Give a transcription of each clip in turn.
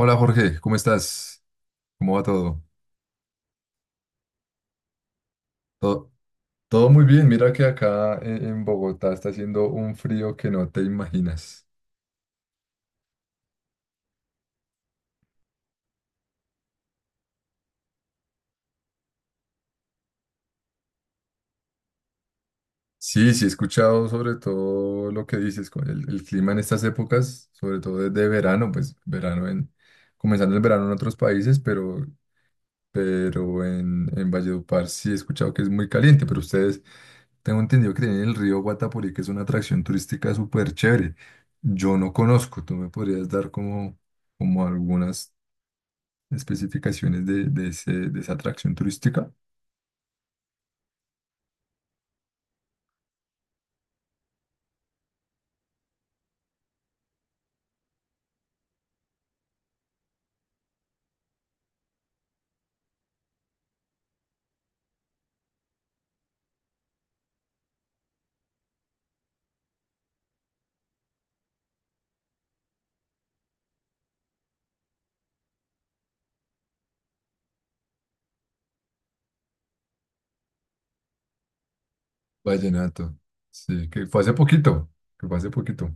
Hola Jorge, ¿cómo estás? ¿Cómo va todo? Todo, todo muy bien, mira que acá en Bogotá está haciendo un frío que no te imaginas. Sí, sí, he escuchado sobre todo lo que dices, con el clima en estas épocas, sobre todo de verano, pues verano en, comenzando el verano en otros países, pero en Valledupar sí he escuchado que es muy caliente, pero ustedes, tengo entendido que tienen el río Guatapurí, que es una atracción turística súper chévere. Yo no conozco, tú me podrías dar como, como algunas especificaciones de de esa atracción turística. Vallenato. Sí, que fue hace poquito, que fue hace poquito.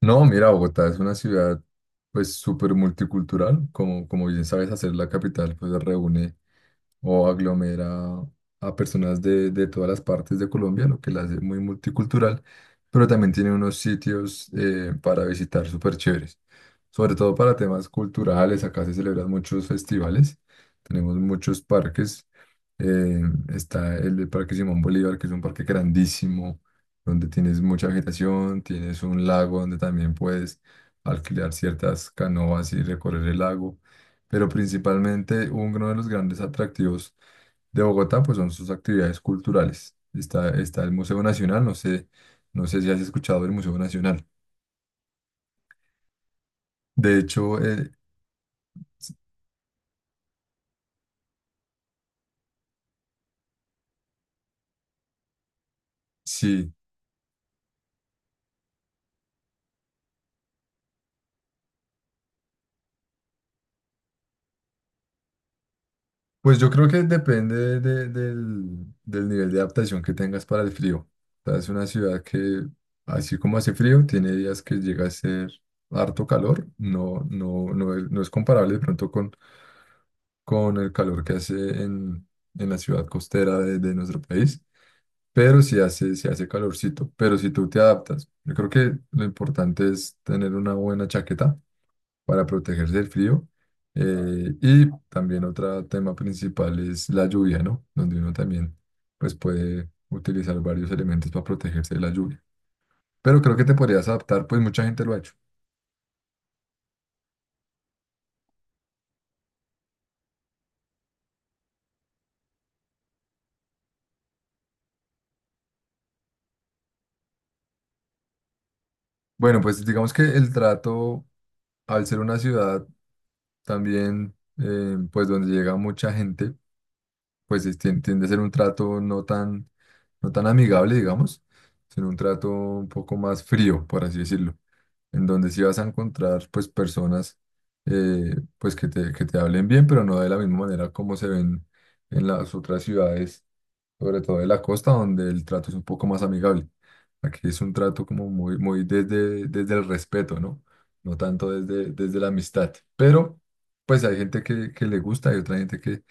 No, mira, Bogotá es una ciudad pues súper multicultural, como, como bien sabes, hacer la capital pues reúne o aglomera a personas de todas las partes de Colombia, lo que la hace muy multicultural, pero también tiene unos sitios para visitar súper chéveres, sobre todo para temas culturales, acá se celebran muchos festivales, tenemos muchos parques, eh, está el del Parque Simón Bolívar, que es un parque grandísimo, donde tienes mucha vegetación, tienes un lago donde también puedes alquilar ciertas canoas y recorrer el lago, pero principalmente uno de los grandes atractivos de Bogotá pues son sus actividades culturales. Está, está el Museo Nacional, no sé, no sé si has escuchado del Museo Nacional. De hecho, s- sí, pues yo creo que depende del, del nivel de adaptación que tengas para el frío. O sea, es una ciudad que, así como hace frío, tiene días que llega a ser harto calor. No, no, no, es, no es comparable de pronto con el calor que hace en, en la ciudad costera de nuestro país. Pero sí hace calorcito, pero si tú te adaptas, yo creo que lo importante es tener una buena chaqueta para protegerse del frío. Y también otro tema principal es la lluvia, ¿no? Donde uno también pues puede utilizar varios elementos para protegerse de la lluvia. Pero creo que te podrías adaptar, pues mucha gente lo ha hecho. Bueno, pues digamos que el trato, al ser una ciudad también, pues donde llega mucha gente pues tiende a ser un trato no tan, no tan amigable, digamos, sino un trato un poco más frío, por así decirlo, en donde sí vas a encontrar pues personas pues que te hablen bien, pero no de la misma manera como se ven en las otras ciudades, sobre todo de la costa, donde el trato es un poco más amigable. Aquí es un trato como muy, muy desde, desde el respeto, ¿no? No tanto desde, desde la amistad, pero pues hay gente que le gusta y otra gente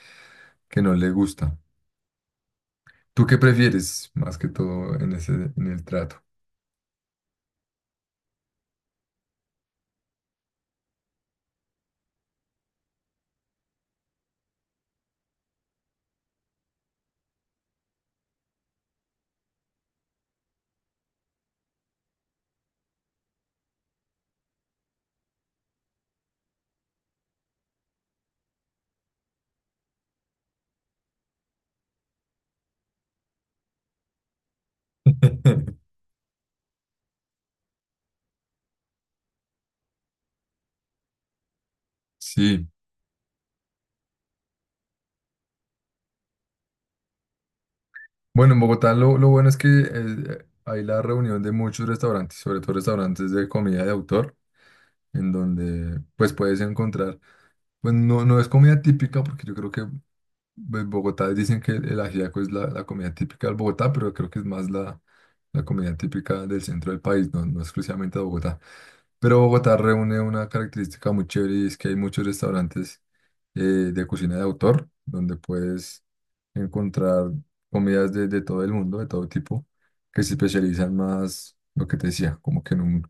que no le gusta. ¿Tú qué prefieres más que todo en ese, en el trato? Sí. Bueno, en Bogotá lo bueno es que hay la reunión de muchos restaurantes, sobre todo restaurantes de comida de autor, en donde pues puedes encontrar, pues no, no es comida típica, porque yo creo que en Bogotá dicen que el ajiaco es la, la comida típica del Bogotá, pero creo que es más la, la comida típica del centro del país, no, no exclusivamente de Bogotá. Pero Bogotá reúne una característica muy chévere y es que hay muchos restaurantes de cocina de autor, donde puedes encontrar comidas de todo el mundo, de todo tipo, que se especializan más, lo que te decía, como que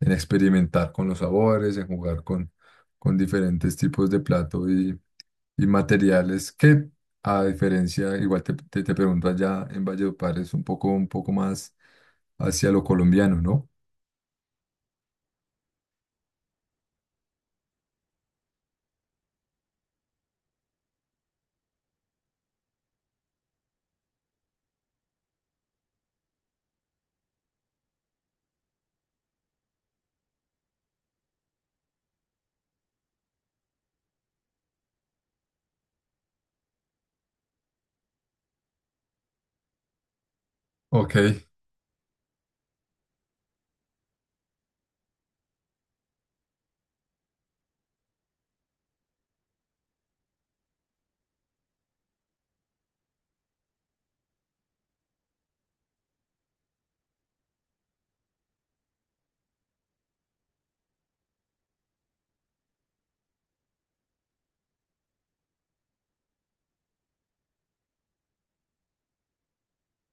en experimentar con los sabores, en jugar con diferentes tipos de plato y materiales que, a diferencia, igual te pregunto allá en Valledupar, es un poco más hacia lo colombiano, ¿no? Ok,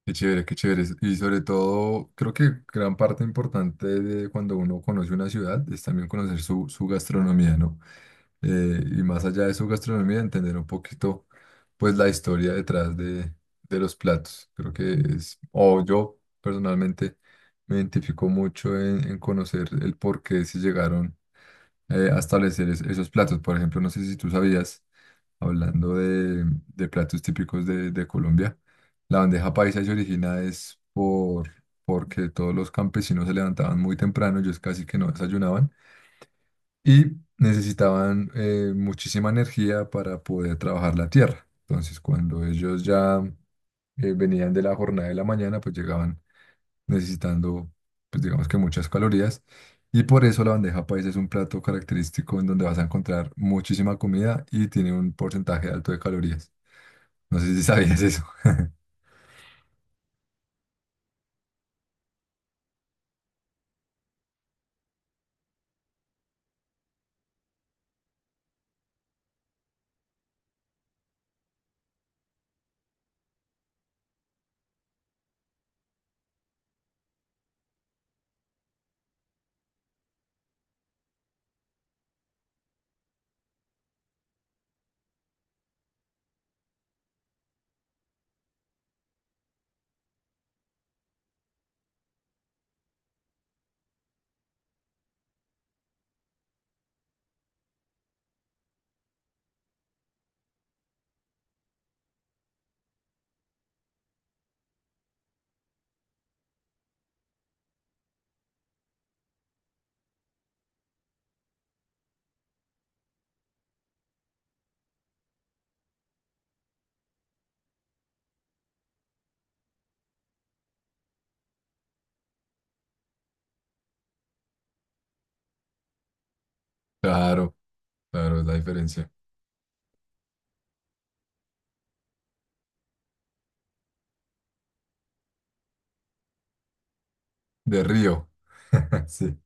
qué chévere, qué chévere. Y sobre todo, creo que gran parte importante de cuando uno conoce una ciudad es también conocer su, su gastronomía, ¿no? Y más allá de su gastronomía, entender un poquito, pues, la historia detrás de los platos. Creo que es, o yo personalmente me identifico mucho en conocer el por qué se llegaron a establecer esos platos. Por ejemplo, no sé si tú sabías, hablando de platos típicos de Colombia, la bandeja paisa se origina es por, porque todos los campesinos se levantaban muy temprano, ellos casi que no desayunaban, y necesitaban muchísima energía para poder trabajar la tierra. Entonces, cuando ellos ya venían de la jornada de la mañana, pues llegaban necesitando, pues digamos que muchas calorías. Y por eso la bandeja paisa es un plato característico en donde vas a encontrar muchísima comida y tiene un porcentaje alto de calorías. No sé si sabías eso. Claro, claro, es la diferencia. De río. Sí.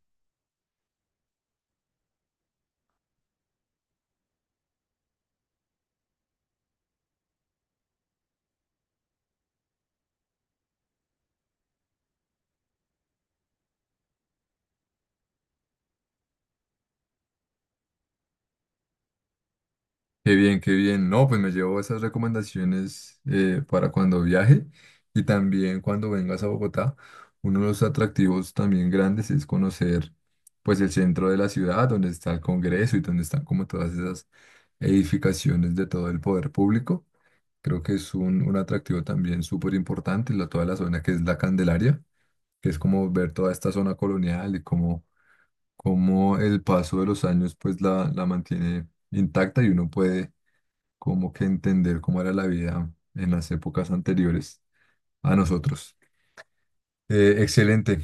Qué bien, qué bien. No, pues me llevo esas recomendaciones para cuando viaje y también cuando vengas a Bogotá. Uno de los atractivos también grandes es conocer pues el centro de la ciudad, donde está el Congreso y donde están como todas esas edificaciones de todo el poder público. Creo que es un atractivo también súper importante, la, toda la zona que es la Candelaria, que es como ver toda esta zona colonial y cómo, cómo el paso de los años pues la mantiene intacta y uno puede como que entender cómo era la vida en las épocas anteriores a nosotros. Excelente.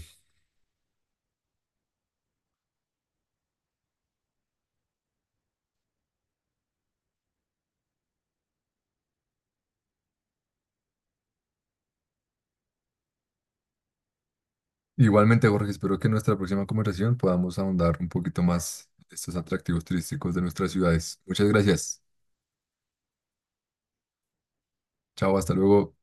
Igualmente, Jorge, espero que en nuestra próxima conversación podamos ahondar un poquito más estos atractivos turísticos de nuestras ciudades. Muchas gracias. Chao, hasta luego.